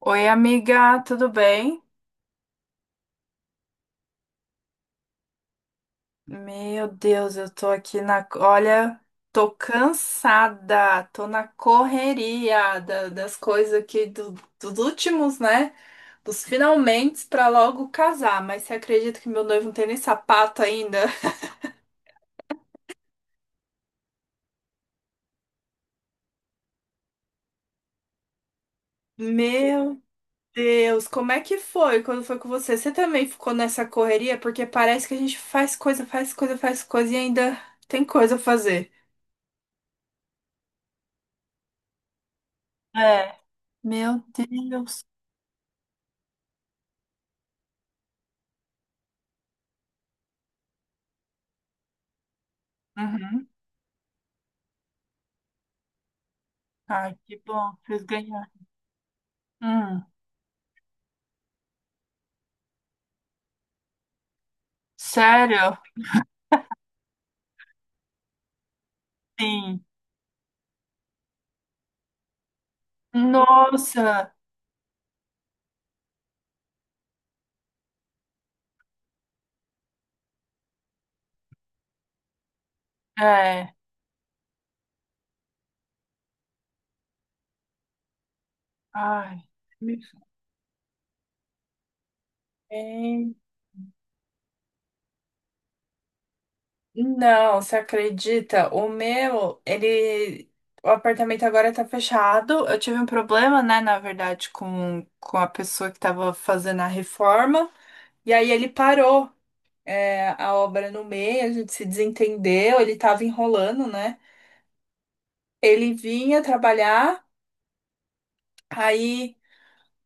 Oi, amiga, tudo bem? Meu Deus, eu tô aqui na. Olha, tô cansada, tô na correria das coisas aqui dos últimos, né? Dos finalmente pra logo casar. Mas você acredita que meu noivo não tem nem sapato ainda? Meu Deus, como é que foi quando foi com você? Você também ficou nessa correria? Porque parece que a gente faz coisa, faz coisa, faz coisa e ainda tem coisa a fazer. É, meu Deus. Uhum. Ai, que bom, que vocês ganharam. Hum, sério? Sim. Nossa, é. Ai, me- bem, não, você acredita? O meu, ele. O apartamento agora tá fechado. Eu tive um problema, né, na verdade, com a pessoa que tava fazendo a reforma. E aí ele parou, é, a obra no meio, a gente se desentendeu, ele tava enrolando, né? Ele vinha trabalhar, aí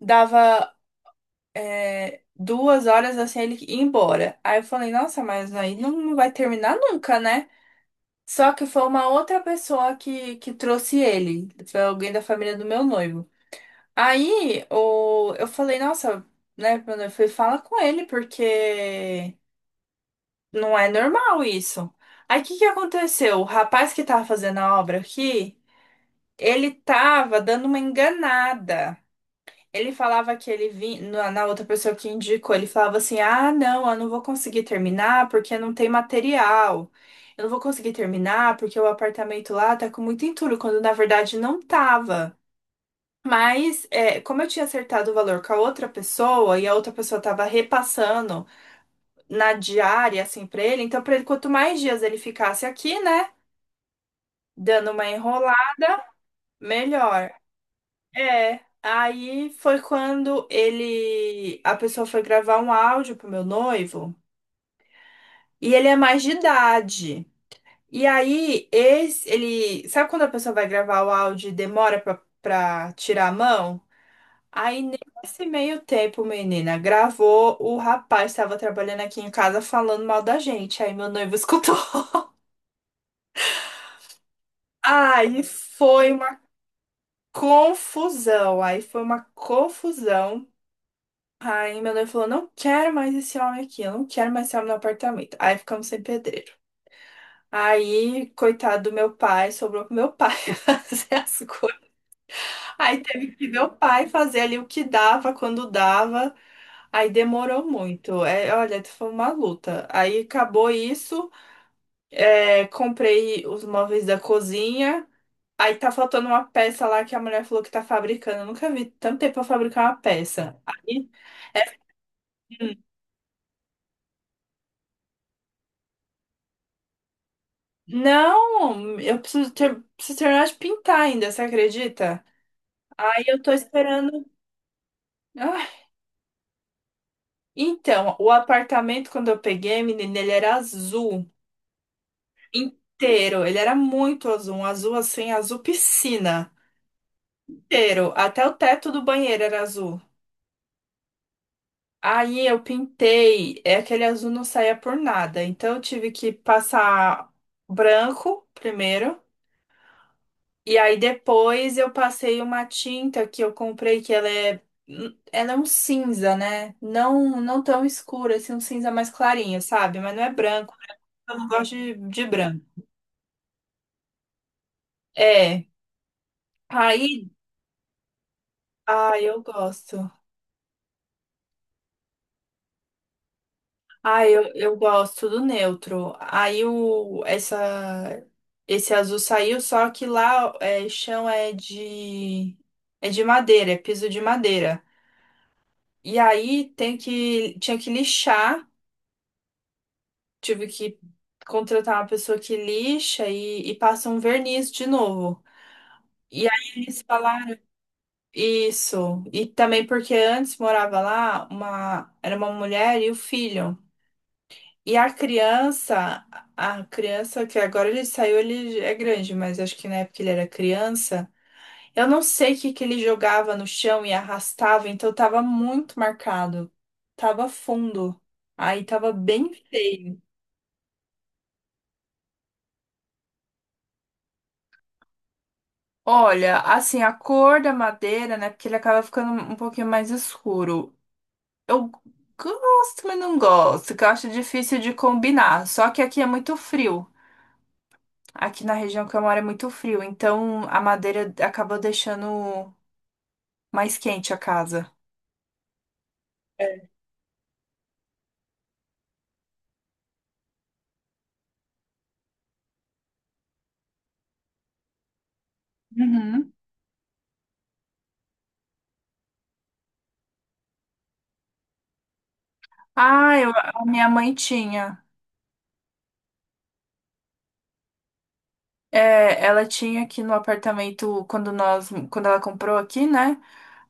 dava. É, 2 horas assim ele ir embora. Aí eu falei, nossa, mas aí não vai terminar nunca, né? Só que foi uma outra pessoa que trouxe ele, foi alguém da família do meu noivo. Aí o, eu falei, nossa, né, meu noivo, falei, fala com ele, porque não é normal isso. Aí o que que aconteceu? O rapaz que tava fazendo a obra aqui, ele tava dando uma enganada. Ele falava que ele vinha, na outra pessoa que indicou, ele falava assim: ah, não, eu não vou conseguir terminar porque não tem material. Eu não vou conseguir terminar porque o apartamento lá tá com muito entulho, quando na verdade não tava. Mas, é, como eu tinha acertado o valor com a outra pessoa e a outra pessoa tava repassando na diária, assim, pra ele, então pra ele, quanto mais dias ele ficasse aqui, né, dando uma enrolada, melhor. É, aí foi quando ele, a pessoa foi gravar um áudio pro meu noivo, e ele é mais de idade. E aí esse, ele, sabe quando a pessoa vai gravar o áudio e demora pra tirar a mão? Nesse meio tempo, menina, gravou, o rapaz estava trabalhando aqui em casa falando mal da gente, aí meu noivo escutou. Aí foi uma confusão, aí foi uma confusão. Aí meu noivo falou, não quero mais esse homem aqui, eu não quero mais esse homem no apartamento. Aí ficamos sem pedreiro. Aí, coitado do meu pai, sobrou pro meu pai fazer as coisas. Aí teve que meu pai fazer ali o que dava, quando dava. Aí demorou muito. É, olha, foi uma luta. Aí acabou isso. É, comprei os móveis da cozinha. Aí tá faltando uma peça lá que a mulher falou que tá fabricando. Eu nunca vi tanto tempo pra fabricar uma peça. Aí. Não, eu preciso terminar de pintar ainda, você acredita? Aí eu tô esperando. Ah, então, o apartamento, quando eu peguei, menina, ele era azul inteiro. Ele era muito azul, um azul assim, azul piscina inteiro. Até o teto do banheiro era azul. Aí eu pintei, é aquele azul não saía por nada. Então eu tive que passar branco primeiro. E aí depois eu passei uma tinta que eu comprei, que ela é um cinza, né? Não, não tão escura, assim, um cinza mais clarinho, sabe? Mas não é branco, eu não gosto de branco. É. Aí, ah, eu gosto. Ah, eu gosto do neutro. Aí o, essa, esse azul saiu, só que lá é, chão é de madeira, é piso de madeira. E aí tem que, tinha que lixar. Tive que contratar uma pessoa que lixa e passa um verniz de novo. E aí eles falaram isso. E também porque antes morava lá uma, era uma mulher e o filho. E a criança que agora ele saiu, ele é grande, mas acho que na época ele era criança. Eu não sei o que que ele jogava no chão e arrastava, então tava muito marcado. Tava fundo. Aí tava bem feio. Olha, assim, a cor da madeira, né? Porque ele acaba ficando um pouquinho mais escuro. Eu gosto, mas não gosto, que eu acho difícil de combinar. Só que aqui é muito frio. Aqui na região que eu moro é muito frio, então a madeira acabou deixando mais quente a casa. Uhum. Ah, eu, a minha mãe tinha. É, ela tinha aqui no apartamento quando nós, quando ela comprou aqui, né?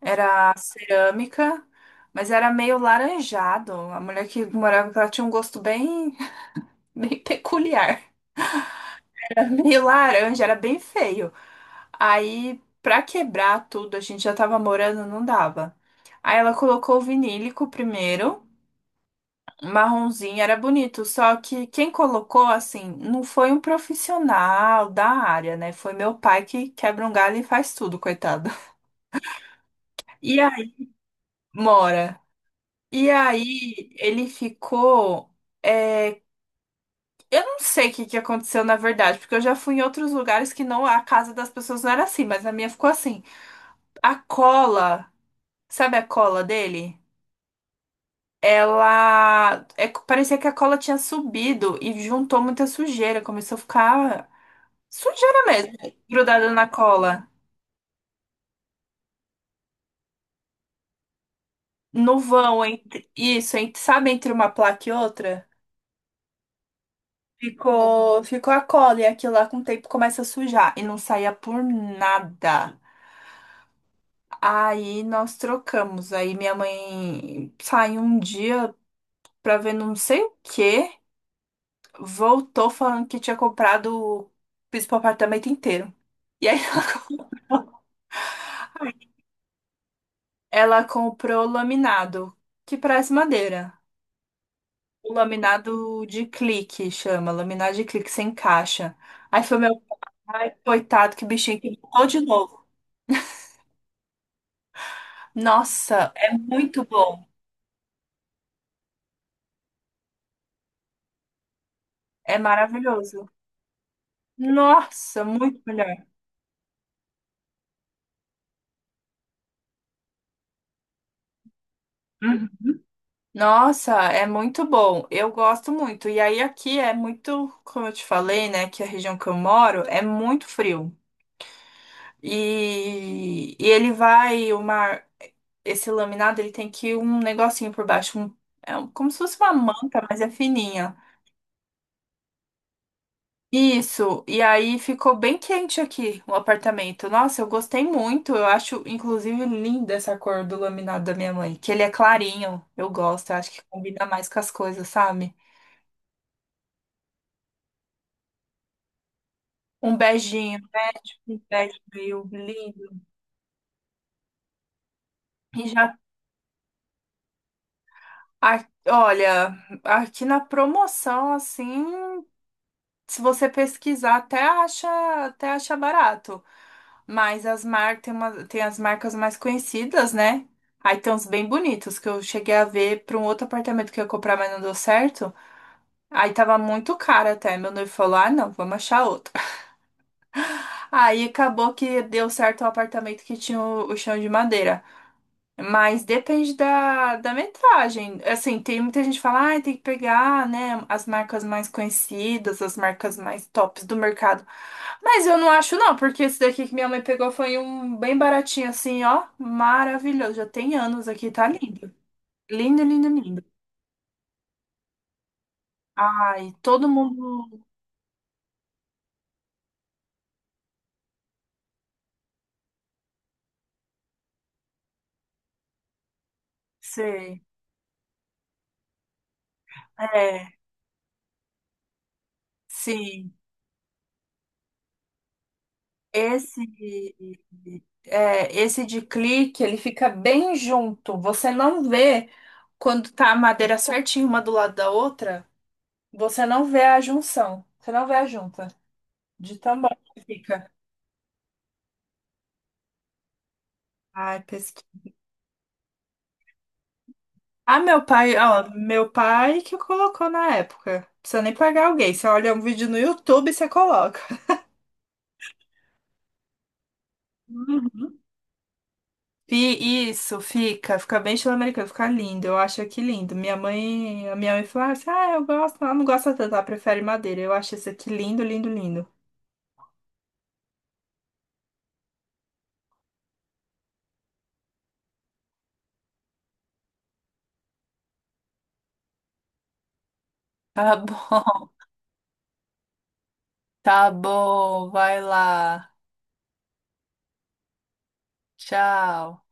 Era cerâmica, mas era meio laranjado. A mulher que morava com ela tinha um gosto bem, bem peculiar. Era meio laranja, era bem feio. Aí, pra quebrar tudo, a gente já tava morando, não dava. Aí ela colocou o vinílico primeiro, marronzinho, era bonito. Só que quem colocou, assim, não foi um profissional da área, né? Foi meu pai que quebra um galho e faz tudo, coitado. E aí, mora. E aí, ele ficou. Eu não sei o que que aconteceu na verdade, porque eu já fui em outros lugares que não a casa das pessoas não era assim, mas a minha ficou assim. A cola, sabe a cola dele? Ela é, parecia que a cola tinha subido e juntou muita sujeira, começou a ficar sujeira mesmo, grudada na cola. No vão entre isso, entre, sabe, entre uma placa e outra, ficou a cola e aquilo lá com o tempo começa a sujar e não saía por nada. Aí nós trocamos. Aí minha mãe saiu um dia pra ver não sei o quê, voltou falando que tinha comprado piso pro apartamento inteiro. E aí ela comprou laminado, que parece madeira. O laminado de clique chama, laminado de clique sem caixa. Aí foi meu pai, coitado, que bichinho que botou de novo. Nossa, é muito bom. É maravilhoso. Nossa, muito melhor. Uhum. Nossa, é muito bom. Eu gosto muito. E aí aqui é muito, como eu te falei, né, que a região que eu moro é muito frio. E ele vai, o mar, esse laminado, ele tem que ir um negocinho por baixo, um, é como se fosse uma manta, mas é fininha. Isso. E aí ficou bem quente aqui o apartamento. Nossa, eu gostei muito. Eu acho, inclusive, linda essa cor do laminado da minha mãe, que ele é clarinho. Eu gosto. Eu acho que combina mais com as coisas, sabe? Um beijinho. De Bad Bill, lindo. E já, olha, aqui na promoção, assim, se você pesquisar, até acha barato. Mas as mar... tem uma... tem as marcas mais conhecidas, né? Aí tem uns bem bonitos que eu cheguei a ver para um outro apartamento que eu ia comprar, mas não deu certo. Aí tava muito caro até. Meu noivo falou: ah, não, vamos achar outro. Aí acabou que deu certo o apartamento que tinha o chão de madeira. Mas depende da metragem. Assim, tem muita gente que fala, ah, tem que pegar, né, as marcas mais conhecidas, as marcas mais tops do mercado. Mas eu não acho não, porque esse daqui que minha mãe pegou foi um bem baratinho assim, ó, maravilhoso. Já tem anos aqui, tá lindo. Lindo, lindo, lindo. Ai, todo mundo, sei. É, sim. Esse, é, esse de clique, ele fica bem junto. Você não vê quando tá a madeira certinha uma do lado da outra, você não vê a junção. Você não vê a junta de tão bom que fica. Ai, pesquisa. Ah, meu pai, ó, meu pai que colocou na época. Não precisa nem pagar alguém. Você olha um vídeo no YouTube e você coloca. Uhum. Isso, fica, fica bem estilo americano, fica lindo, eu acho aqui lindo. Minha mãe, a minha mãe falou assim, ah, eu gosto, ela não gosta tanto, ela prefere madeira. Eu acho esse aqui lindo, lindo, lindo. Tá bom, tá bom, vai lá. Tchau.